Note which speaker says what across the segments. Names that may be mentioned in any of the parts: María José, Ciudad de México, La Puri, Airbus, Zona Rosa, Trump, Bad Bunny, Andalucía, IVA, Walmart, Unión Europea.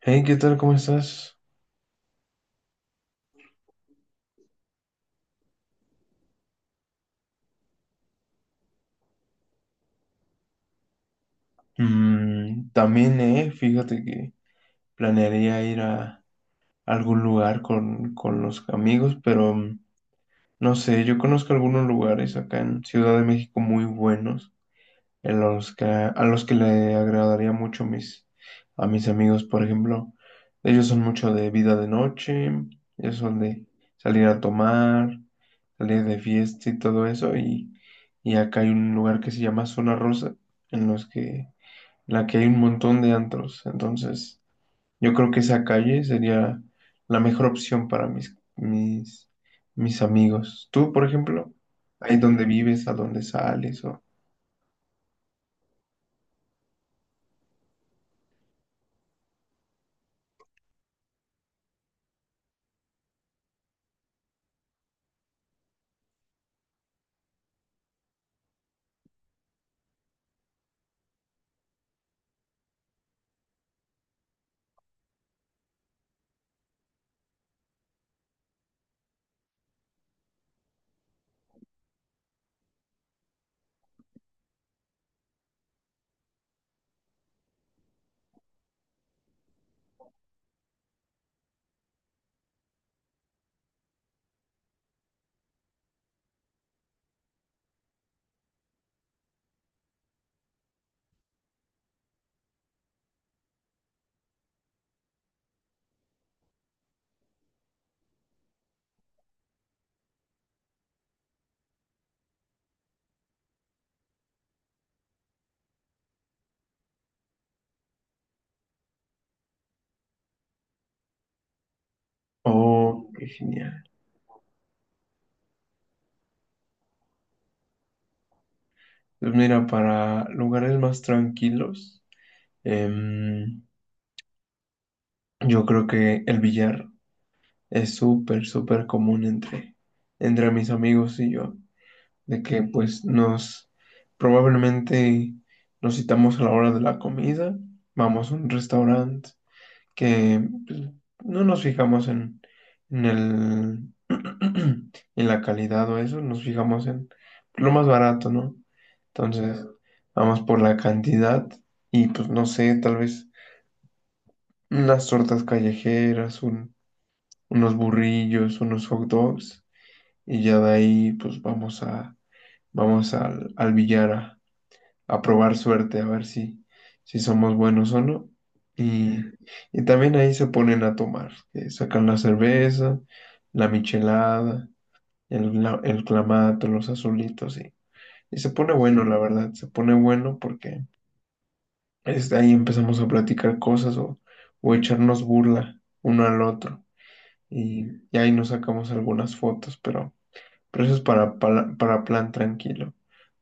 Speaker 1: Hey, ¿qué tal? ¿Cómo estás? También, fíjate que planearía ir a algún lugar con los amigos, pero no sé, yo conozco algunos lugares acá en Ciudad de México muy buenos, en los que le agradaría mucho a mis amigos, por ejemplo. Ellos son mucho de vida de noche, ellos son de salir a tomar, salir de fiesta y todo eso, y acá hay un lugar que se llama Zona Rosa, en los que la que hay un montón de antros. Entonces, yo creo que esa calle sería la mejor opción para mis amigos. Tú, por ejemplo, ahí donde vives, a donde sales, o... Oh, qué genial. Pues mira, para lugares más tranquilos, em, yo creo que el billar es súper común entre mis amigos y yo. De que pues nos probablemente nos citamos a la hora de la comida, vamos a un restaurante que pues, no nos fijamos en el en la calidad o eso, nos fijamos en lo más barato, ¿no? Entonces, vamos por la cantidad y pues no sé, tal vez unas tortas callejeras, unos burrillos, unos hot dogs y ya de ahí pues vamos a vamos al, al billar a probar suerte, a ver si somos buenos o no. Y, y también ahí se ponen a tomar, que sacan la cerveza, la michelada, el clamato, los azulitos, y se pone bueno, la verdad, se pone bueno porque ahí empezamos a platicar cosas o echarnos burla uno al otro. Y ahí nos sacamos algunas fotos, pero eso es para plan tranquilo.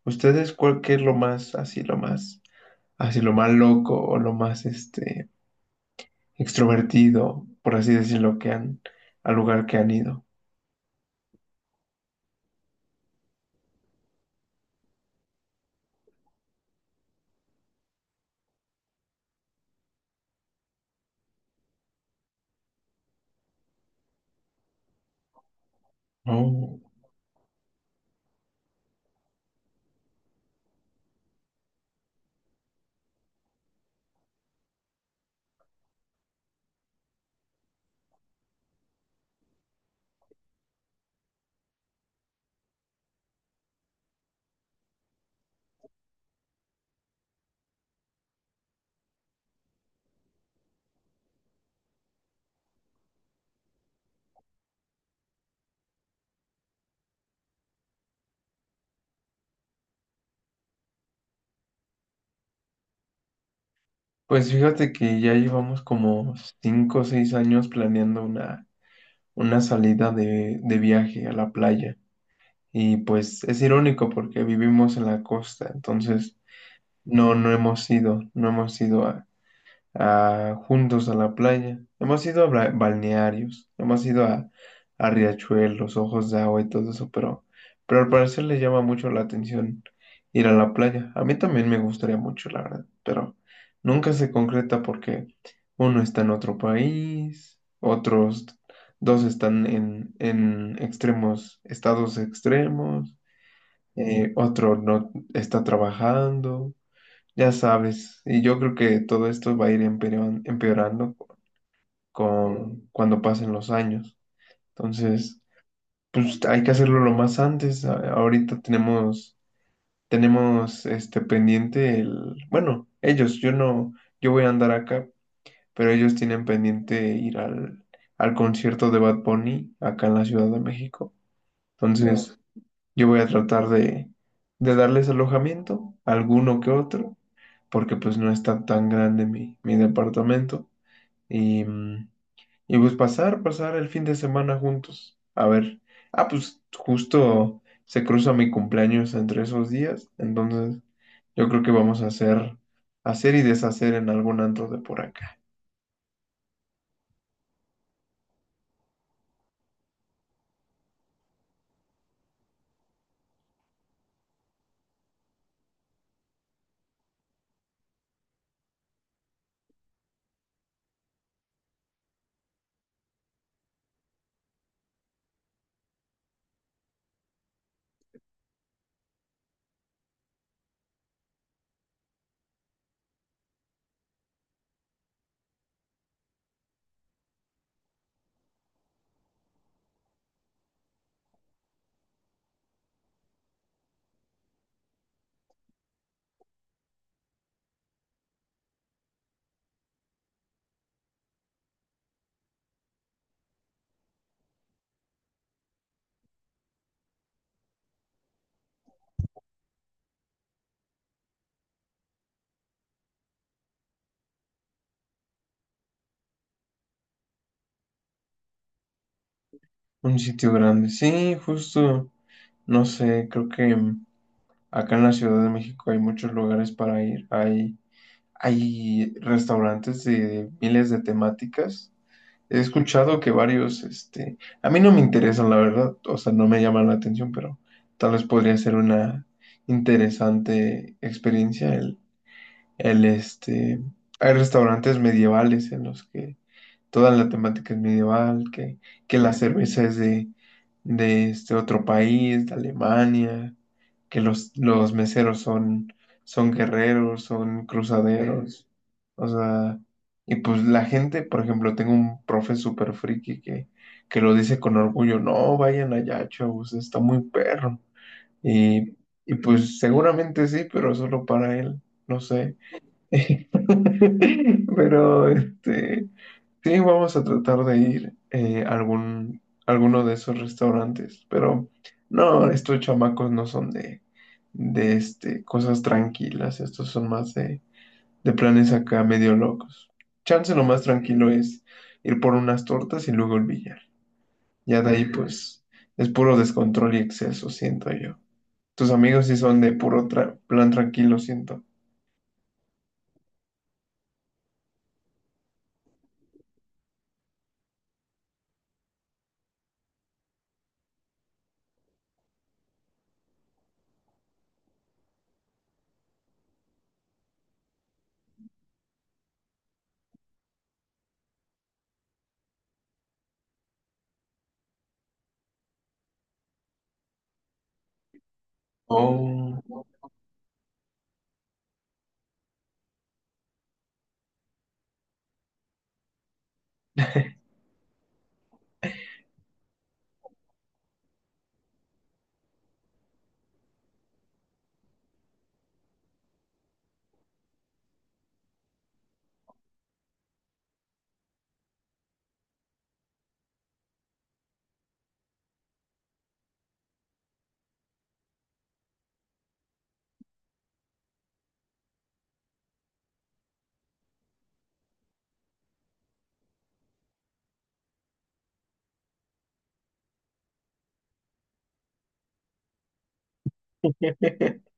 Speaker 1: ¿Ustedes cuál qué es lo más, así, lo más? Así lo más loco o lo más extrovertido, por así decirlo, que han al lugar que han ido. Oh. Pues fíjate que ya llevamos como 5 o 6 años planeando una salida de viaje a la playa. Y pues es irónico porque vivimos en la costa, entonces no hemos ido, no hemos ido juntos a la playa. Hemos ido a balnearios, hemos ido a riachuelos, ojos de agua y todo eso, pero al parecer le llama mucho la atención ir a la playa. A mí también me gustaría mucho, la verdad, pero nunca se concreta porque uno está en otro país, otros dos están en extremos, estados extremos, otro no está trabajando. Ya sabes, y yo creo que todo esto va a ir empeorando con cuando pasen los años. Entonces, pues hay que hacerlo lo más antes. Ahorita tenemos este pendiente el, bueno, ellos, yo no, yo voy a andar acá, pero ellos tienen pendiente ir al concierto de Bad Bunny acá en la Ciudad de México. Entonces, yo voy a tratar de darles alojamiento, alguno que otro porque pues no está tan grande mi departamento. Y, y pues pasar el fin de semana juntos. A ver, ah, pues justo se cruza mi cumpleaños entre esos días, entonces yo creo que vamos a hacer y deshacer en algún antro de por acá. Un sitio grande, sí, justo, no sé, creo que acá en la Ciudad de México hay muchos lugares para ir, hay restaurantes de miles de temáticas. He escuchado que varios, este, a mí no me interesan, la verdad, o sea, no me llaman la atención, pero tal vez podría ser una interesante experiencia el, este, hay restaurantes medievales en los que toda la temática es medieval, que la cerveza es de este otro país, de Alemania, que los meseros son guerreros, son cruzaderos, o sea, y pues la gente, por ejemplo, tengo un profe súper friki que lo dice con orgullo, no, vayan allá, chavos, está muy perro, y, y pues seguramente sí, pero solo para él, no sé. Pero este, sí, vamos a tratar de ir a algún, alguno de esos restaurantes. Pero no, estos chamacos no son de este, cosas tranquilas. Estos son más de planes acá medio locos. Chance lo más tranquilo es ir por unas tortas y luego el billar. Ya de ahí, pues, es puro descontrol y exceso, siento yo. Tus amigos sí son de puro plan tranquilo, siento. Oh.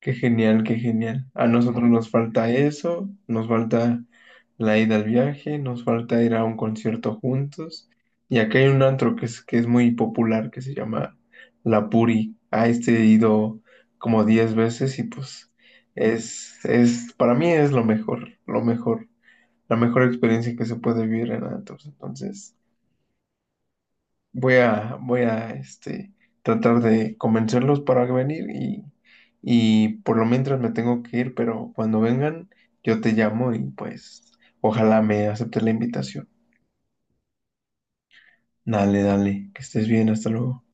Speaker 1: Qué genial, qué genial. A nosotros nos falta eso, nos falta la ida al viaje, nos falta ir a un concierto juntos. Y acá hay un antro que que es muy popular, que se llama La Puri. A este he ido como 10 veces y pues es, para mí es lo mejor, la mejor experiencia que se puede vivir en antros. Entonces, voy a tratar de convencerlos para venir y por lo mientras me tengo que ir, pero cuando vengan yo te llamo y pues ojalá me aceptes la invitación. Dale, dale, que estés bien, hasta luego.